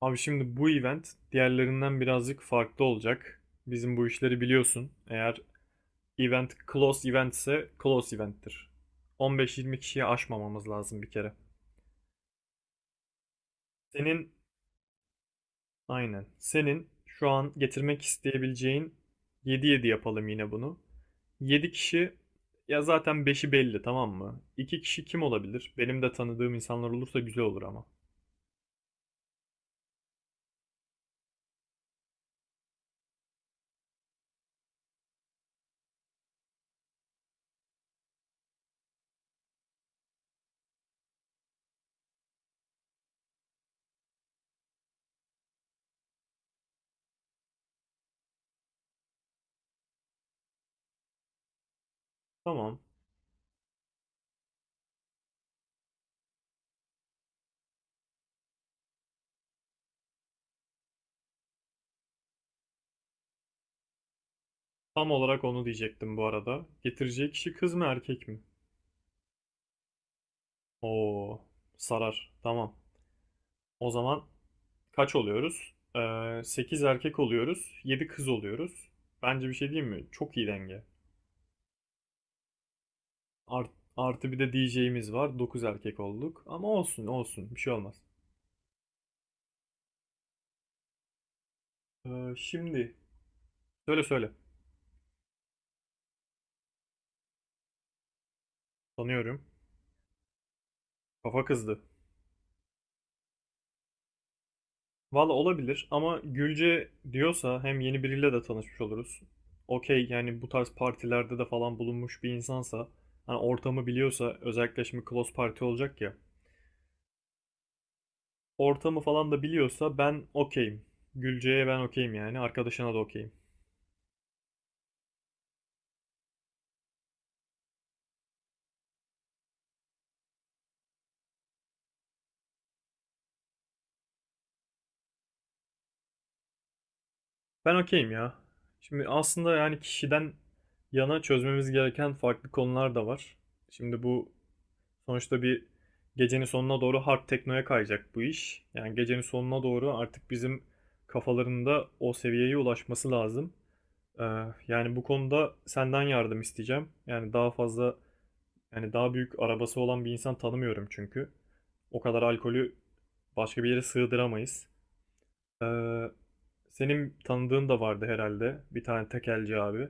Abi şimdi bu event diğerlerinden birazcık farklı olacak. Bizim bu işleri biliyorsun. Eğer event close event ise close event'tir. 15-20 kişiyi aşmamamız lazım bir kere. Senin aynen. Senin şu an getirmek isteyebileceğin 7-7 yapalım yine bunu. 7 kişi ya zaten beşi belli, tamam mı? 2 kişi kim olabilir? Benim de tanıdığım insanlar olursa güzel olur ama. Tamam. Tam olarak onu diyecektim bu arada. Getireceği kişi kız mı erkek mi? Oo, sarar. Tamam. O zaman kaç oluyoruz? 8 erkek oluyoruz. 7 kız oluyoruz. Bence bir şey diyeyim mi? Çok iyi denge. Art- artı bir de DJ'miz var. 9 erkek olduk. Ama olsun olsun. Bir şey olmaz. Şimdi. Söyle söyle. Tanıyorum. Kafa kızdı. Valla olabilir ama Gülce diyorsa hem yeni biriyle de tanışmış oluruz. Okey yani, bu tarz partilerde de falan bulunmuş bir insansa hani ortamı biliyorsa, özellikle şimdi close party olacak ya. Ortamı falan da biliyorsa ben okeyim. Gülce'ye ben okeyim yani. Arkadaşına da okeyim. Ben okeyim ya. Şimdi aslında yani kişiden yana çözmemiz gereken farklı konular da var. Şimdi bu sonuçta bir gecenin sonuna doğru hard teknoya kayacak bu iş. Yani gecenin sonuna doğru artık bizim kafalarında o seviyeye ulaşması lazım. Ee, Yani bu konuda senden yardım isteyeceğim. Yani daha fazla Yani daha büyük arabası olan bir insan tanımıyorum çünkü. O kadar alkolü başka bir yere sığdıramayız. Ee, Senin tanıdığın da vardı herhalde. Bir tane tekelci abi.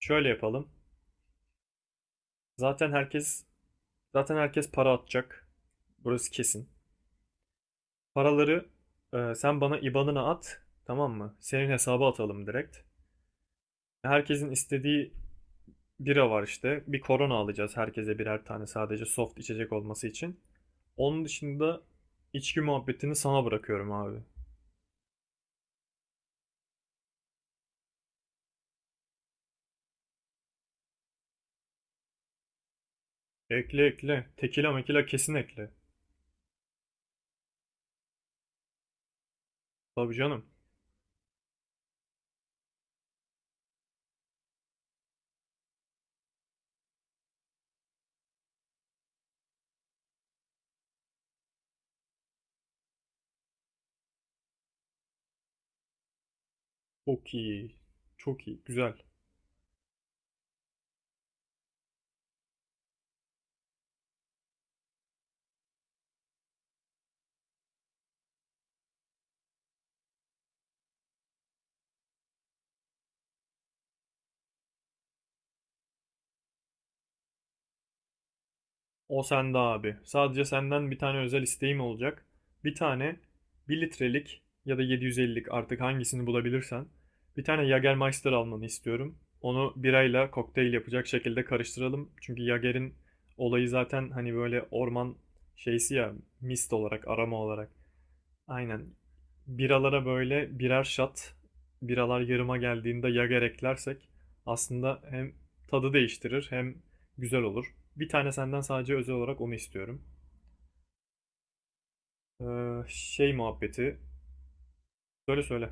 Şöyle yapalım. Zaten herkes zaten herkes para atacak. Burası kesin. Paraları sen bana IBAN'ına at. Tamam mı? Senin hesaba atalım direkt. Herkesin istediği bira var işte. Bir korona alacağız herkese birer tane, sadece soft içecek olması için. Onun dışında içki muhabbetini sana bırakıyorum abi. Ekle ekle. Tekila mekila kesin ekle. Tabii canım. Çok iyi. Çok iyi. Güzel. O sende abi. Sadece senden bir tane özel isteğim olacak. Bir tane bir litrelik ya da 750'lik, artık hangisini bulabilirsen. Bir tane Jägermeister almanı istiyorum. Onu birayla kokteyl yapacak şekilde karıştıralım. Çünkü Jäger'in olayı zaten hani böyle orman şeysi ya, mist olarak, aroma olarak. Aynen. Biralara böyle birer şat, biralar yarıma geldiğinde yager eklersek aslında hem tadı değiştirir hem güzel olur. Bir tane senden sadece özel olarak onu istiyorum. Ee, şey muhabbeti. Söyle söyle.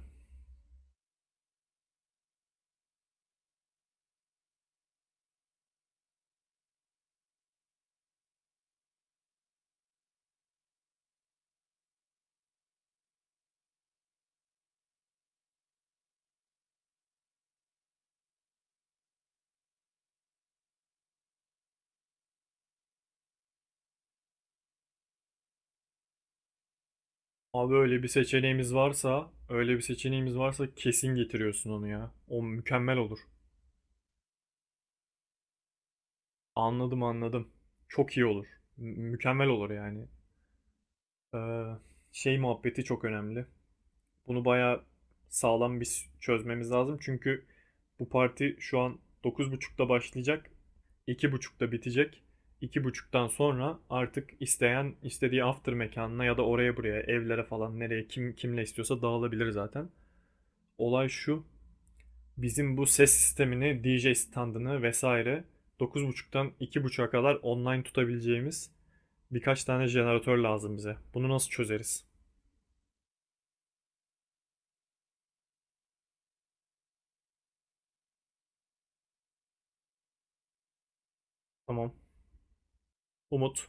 Abi öyle bir seçeneğimiz varsa kesin getiriyorsun onu ya. O mükemmel olur. Anladım anladım. Çok iyi olur. Mükemmel olur yani. Ee, şey muhabbeti çok önemli. Bunu bayağı sağlam bir çözmemiz lazım. Çünkü bu parti şu an 9.30'da başlayacak. 2.30'da bitecek. 2.30'dan sonra artık isteyen istediği after mekanına ya da oraya buraya, evlere falan, nereye kim kimle istiyorsa dağılabilir zaten. Olay şu. Bizim bu ses sistemini, DJ standını vesaire, 9.30'dan 2.30'a kadar online tutabileceğimiz birkaç tane jeneratör lazım bize. Bunu nasıl çözeriz? Tamam. Umut.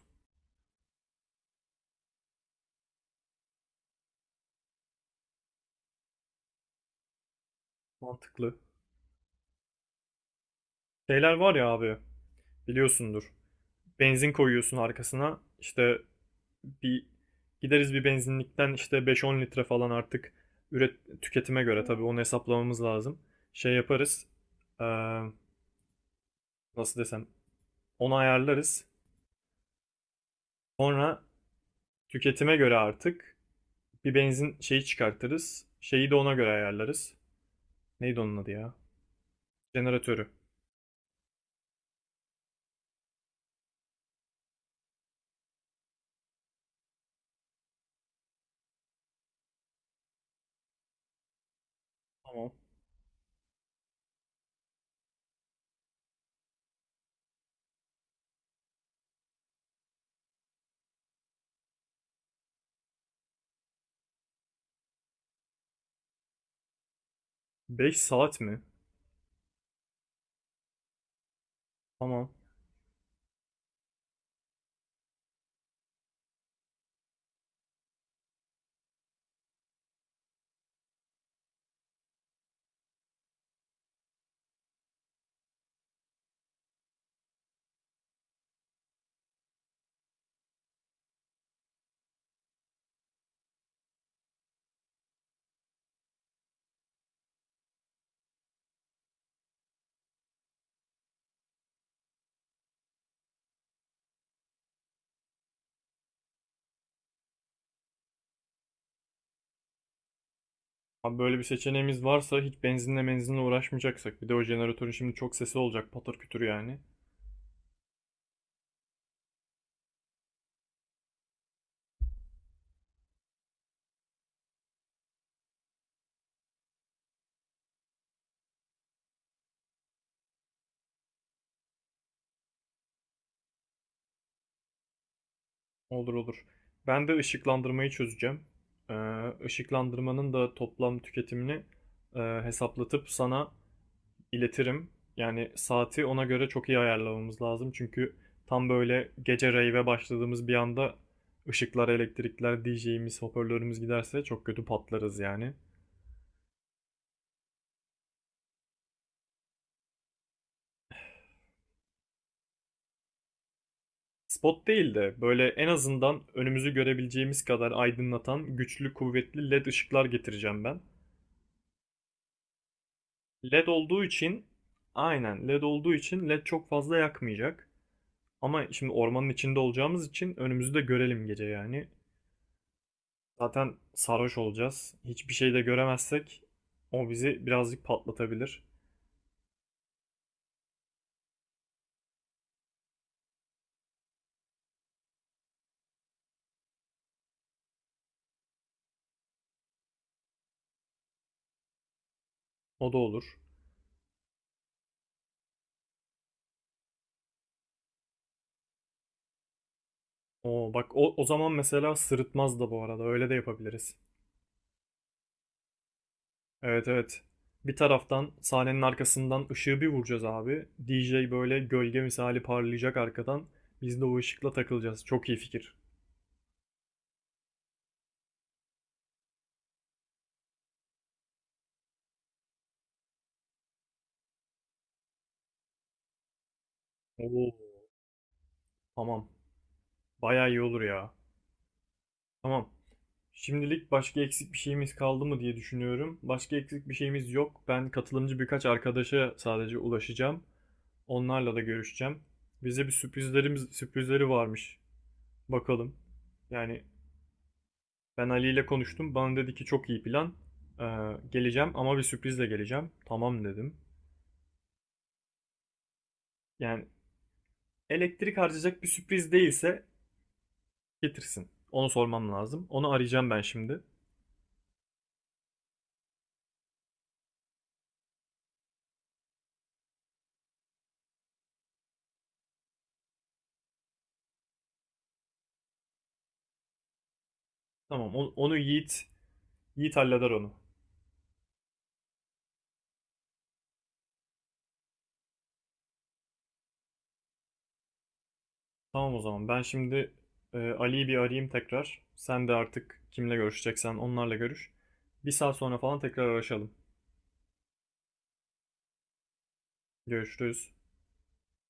Mantıklı. Şeyler var ya abi. Biliyorsundur. Benzin koyuyorsun arkasına. İşte bir gideriz bir benzinlikten, işte 5-10 litre falan, artık üret tüketime göre tabii, onu hesaplamamız lazım. Şey yaparız. Ee, nasıl desem, onu ayarlarız. Sonra tüketime göre artık bir benzin şeyi çıkartırız. Şeyi de ona göre ayarlarız. Neydi onun adı ya? Jeneratörü. Tamam. 5 saat mi? Tamam. Abi böyle bir seçeneğimiz varsa hiç benzinle uğraşmayacaksak. Bir de o jeneratörün şimdi çok sesi olacak, patır kütür yani. Olur olur. Ben de ışıklandırmayı çözeceğim. Ee, ışıklandırmanın da toplam tüketimini hesaplatıp sana iletirim. Yani saati ona göre çok iyi ayarlamamız lazım. Çünkü tam böyle gece rave'e başladığımız bir anda ışıklar, elektrikler, DJ'imiz, hoparlörümüz giderse çok kötü patlarız yani. Spot değil de böyle en azından önümüzü görebileceğimiz kadar aydınlatan, güçlü kuvvetli led ışıklar getireceğim ben. Led olduğu için aynen led olduğu için led çok fazla yakmayacak. Ama şimdi ormanın içinde olacağımız için önümüzü de görelim gece yani. Zaten sarhoş olacağız. Hiçbir şey de göremezsek o bizi birazcık patlatabilir. O da olur. O bak, o zaman mesela sırıtmaz da bu arada, öyle de yapabiliriz. Evet evet. Bir taraftan sahnenin arkasından ışığı bir vuracağız abi. DJ böyle gölge misali parlayacak arkadan. Biz de o ışıkla takılacağız. Çok iyi fikir. Oo. Tamam. Bayağı iyi olur ya. Tamam. Şimdilik başka eksik bir şeyimiz kaldı mı diye düşünüyorum. Başka eksik bir şeyimiz yok. Ben katılımcı birkaç arkadaşa sadece ulaşacağım. Onlarla da görüşeceğim. Bize bir sürprizleri varmış. Bakalım. Yani ben Ali ile konuştum. Bana dedi ki çok iyi plan. Geleceğim ama bir sürprizle geleceğim. Tamam dedim. Yani elektrik harcayacak bir sürpriz değilse getirsin. Onu sormam lazım. Onu arayacağım ben şimdi. Tamam, onu Yiğit halleder onu. Tamam o zaman ben şimdi Ali'yi bir arayayım tekrar. Sen de artık kimle görüşeceksen onlarla görüş. Bir saat sonra falan tekrar araşalım. Görüşürüz.